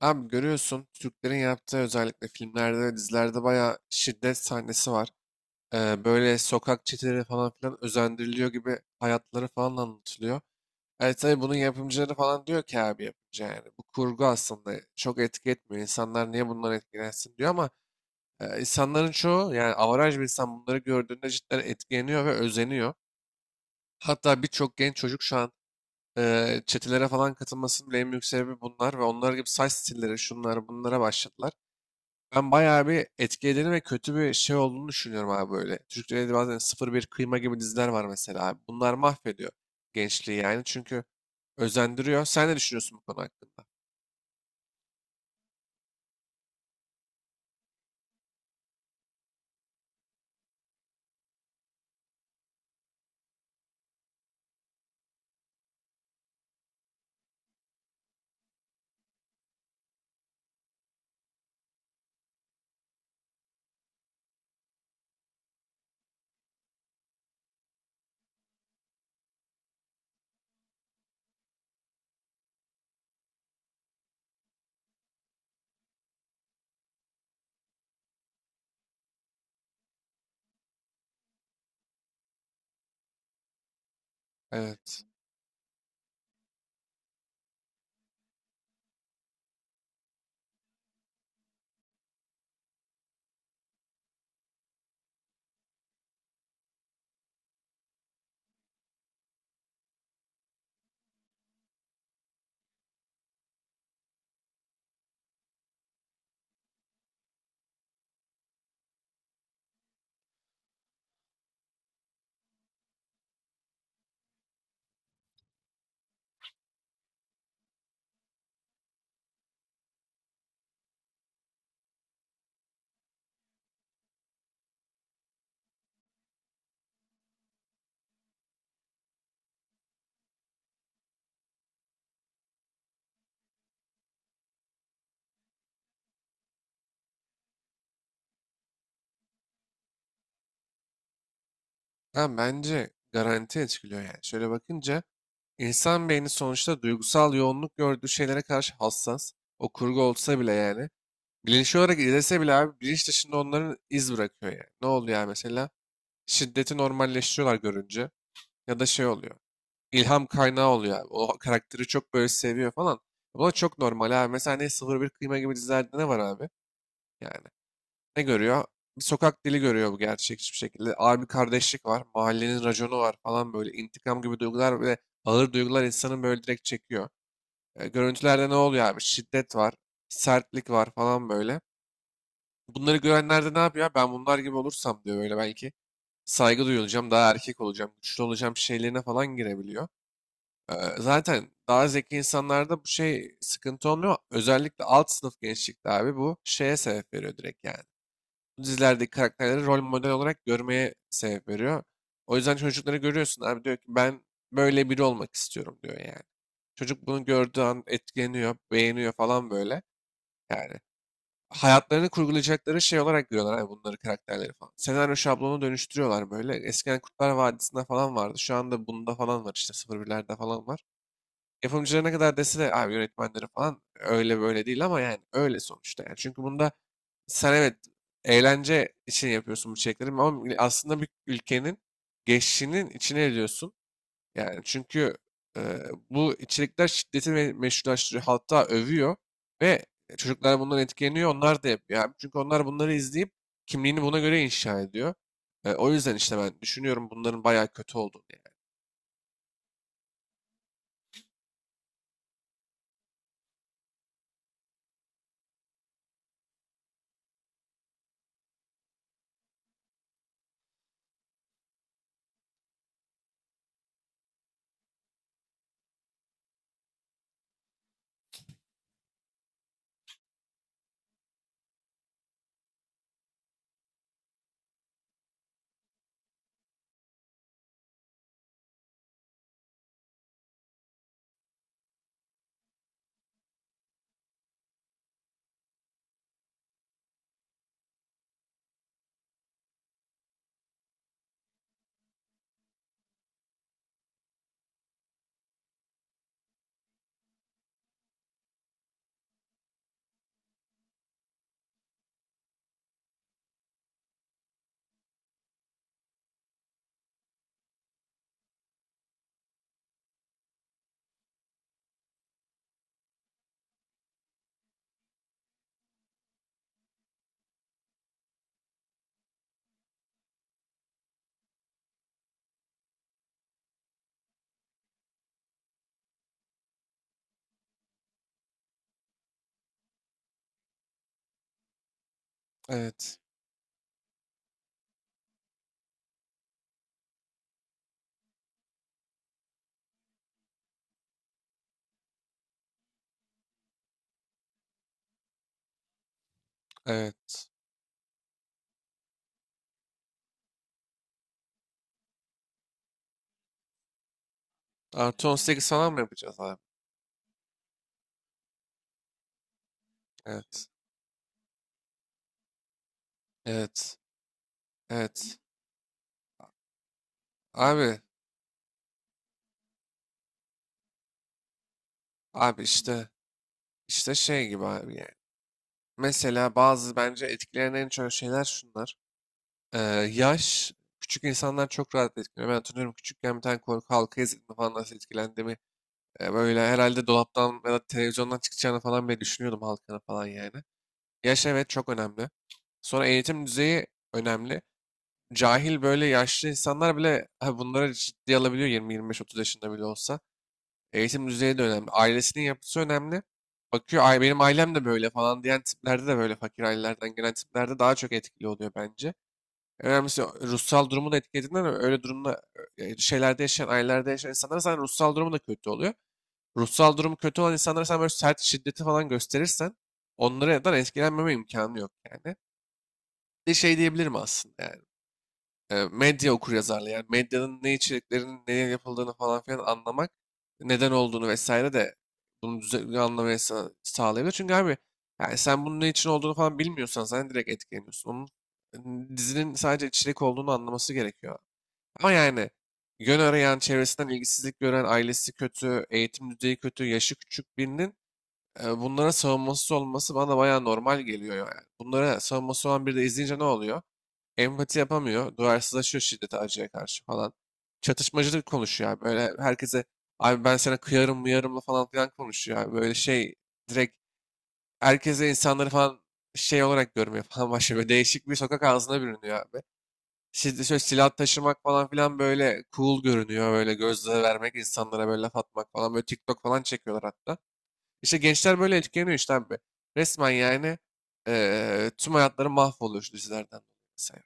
Abi görüyorsun Türklerin yaptığı özellikle filmlerde ve dizilerde bayağı şiddet sahnesi var. Böyle sokak çeteleri falan filan özendiriliyor gibi hayatları falan anlatılıyor. Evet tabii bunun yapımcıları falan diyor ki abi yapımcı yani. Bu kurgu aslında çok etki etmiyor. İnsanlar niye bundan etkilensin diyor ama insanların çoğu yani avaraj bir insan bunları gördüğünde cidden etkileniyor ve özeniyor. Hatta birçok genç çocuk şu an çetelere falan katılmasının bile en büyük sebebi bunlar ve onlar gibi saç stilleri şunlar bunlara başladılar. Ben bayağı bir etkilerini ve kötü bir şey olduğunu düşünüyorum abi böyle. Türk Televizyonda bazen sıfır bir Kıyma gibi diziler var mesela abi. Bunlar mahvediyor gençliği yani çünkü özendiriyor. Sen ne düşünüyorsun bu konu hakkında? Evet. Ha, bence garanti etkiliyor yani. Şöyle bakınca insan beyni sonuçta duygusal yoğunluk gördüğü şeylere karşı hassas. O kurgu olsa bile yani. Bilinçli olarak izlese bile abi bilinç dışında onların iz bırakıyor yani. Ne oluyor yani mesela? Şiddeti normalleştiriyorlar görünce ya da şey oluyor. İlham kaynağı oluyor abi. O karakteri çok böyle seviyor falan. Bu da çok normal abi. Mesela ne sıfır bir Kıyma gibi dizilerde ne var abi? Yani ne görüyor? Bir sokak dili görüyor bu gerçekçi bir şekilde. Abi kardeşlik var. Mahallenin raconu var falan böyle. İntikam gibi duygular ve ağır duygular insanın böyle direkt çekiyor. E, görüntülerde ne oluyor abi? Şiddet var. Sertlik var falan böyle. Bunları görenler de ne yapıyor? Ben bunlar gibi olursam diyor böyle belki saygı duyulacağım, daha erkek olacağım, güçlü olacağım şeylerine falan girebiliyor. Zaten daha zeki insanlarda bu şey sıkıntı olmuyor. Özellikle alt sınıf gençlikte abi bu şeye sebep veriyor direkt yani. Bu dizilerdeki karakterleri rol model olarak görmeye sebep veriyor. O yüzden çocukları görüyorsun abi diyor ki ben böyle biri olmak istiyorum diyor yani. Çocuk bunu gördüğü an etkileniyor, beğeniyor falan böyle. Yani hayatlarını kurgulayacakları şey olarak görüyorlar abi bunları karakterleri falan. Senaryo şablonu dönüştürüyorlar böyle. Eskiden Kurtlar Vadisi'nde falan vardı. Şu anda bunda falan var işte sıfır birlerde falan var. Yapımcılara ne kadar dese de abi yönetmenleri falan öyle böyle değil ama yani öyle sonuçta. Yani. Çünkü bunda sen evet eğlence için yapıyorsun bu çekleri ama aslında bir ülkenin geçişinin içine ediyorsun. Yani çünkü e, bu içerikler şiddeti meşrulaştırıyor. Hatta övüyor ve çocuklar bundan etkileniyor. Onlar da yapıyor abi. Çünkü onlar bunları izleyip kimliğini buna göre inşa ediyor. O yüzden işte ben düşünüyorum bunların bayağı kötü olduğunu yani. Evet. Evet. Artı 18 falan mı yapacağız abi? Evet. Evet. Evet. Abi. Abi işte, işte şey gibi abi yani. Mesela bazı bence etkileyen en çok şeyler şunlar. Ee, Yaş. Küçük insanlar çok rahat etkileniyor. Ben hatırlıyorum küçükken bir tane korku halka izlediğimde falan nasıl etkilendiğimi. Böyle herhalde dolaptan ya da televizyondan çıkacağını falan bile düşünüyordum halkana falan yani. Yaş evet çok önemli. Sonra eğitim düzeyi önemli. Cahil böyle yaşlı insanlar bile ha, bunları ciddiye alabiliyor 20-25-30 yaşında bile olsa. Eğitim düzeyi de önemli. Ailesinin yapısı önemli. Bakıyor ay benim ailem de böyle falan diyen tiplerde de böyle fakir ailelerden gelen tiplerde daha çok etkili oluyor bence. En önemlisi ruhsal durumu da etkilediğinden öyle durumda şeylerde yaşayan ailelerde yaşayan insanlar zaten ruhsal durumu da kötü oluyor. Ruhsal durumu kötü olan insanlara sen böyle sert şiddeti falan gösterirsen onlara da etkilenmeme imkanı yok yani. Bir de şey diyebilirim aslında yani medya okuryazarlığı yani medyanın ne içeriklerinin neye yapıldığını falan filan anlamak neden olduğunu vesaire de bunu düzenli anlamaya sağlayabilir. Çünkü abi yani sen bunun ne için olduğunu falan bilmiyorsan sen direkt etkileniyorsun. Onun dizinin sadece içerik olduğunu anlaması gerekiyor. Ama yani yön arayan, çevresinden ilgisizlik gören, ailesi kötü, eğitim düzeyi kötü, yaşı küçük birinin bunlara savunmasız olması bana bayağı normal geliyor yani. Bunlara savunması olan biri de izleyince ne oluyor? Empati yapamıyor. Duyarsızlaşıyor şiddete, acıya karşı falan. Çatışmacı konuşuyor abi. Böyle herkese abi ben sana kıyarım mıyarımla falan filan konuşuyor abi. Böyle şey direkt herkese insanları falan şey olarak görmüyor falan başlıyor. Böyle değişik bir sokak ağzına bürünüyor abi. Şimdi şöyle silah taşımak falan filan böyle cool görünüyor. Böyle gözle vermek insanlara böyle laf atmak falan. Böyle TikTok falan çekiyorlar hatta. İşte gençler böyle etkileniyor işte abi. Resmen yani tüm hayatları mahvoluyor şu dizilerden dolayı. Mesela.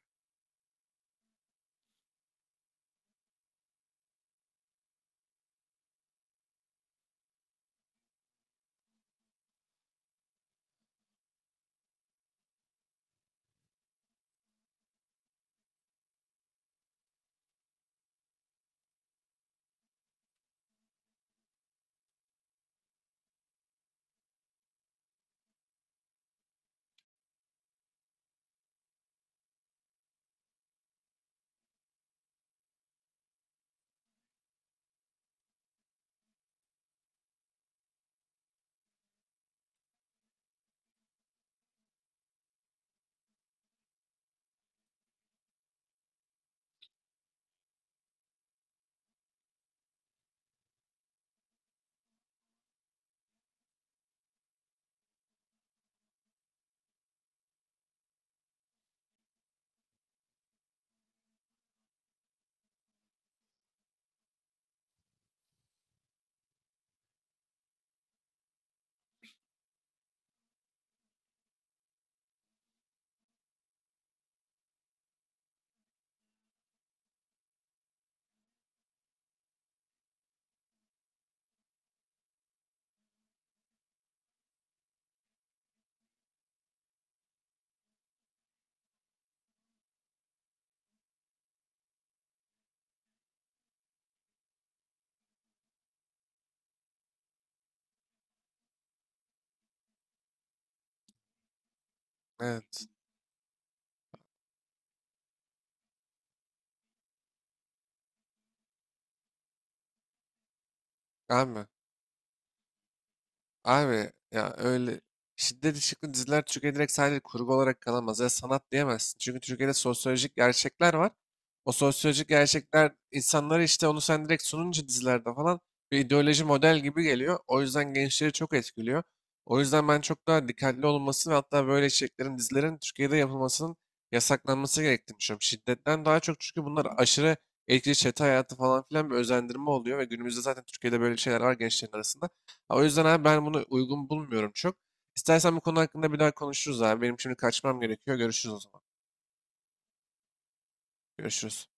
Evet. Abi. Abi ya öyle şiddet içerikli diziler Türkiye direkt sadece kurgu olarak kalamaz ya sanat diyemezsin. Çünkü Türkiye'de sosyolojik gerçekler var. O sosyolojik gerçekler insanlara işte onu sen direkt sununca dizilerde falan bir ideoloji model gibi geliyor. O yüzden gençleri çok etkiliyor. O yüzden ben çok daha dikkatli olunması ve hatta böyle içeriklerin dizilerin Türkiye'de yapılmasının yasaklanması gerektiğini düşünüyorum. Şiddetten daha çok çünkü bunlar aşırı etkili çete hayatı falan filan bir özendirme oluyor ve günümüzde zaten Türkiye'de böyle şeyler var gençlerin arasında. Ha, o yüzden abi ben bunu uygun bulmuyorum çok. İstersen bu konu hakkında bir daha konuşuruz abi. Benim şimdi kaçmam gerekiyor. Görüşürüz o zaman. Görüşürüz.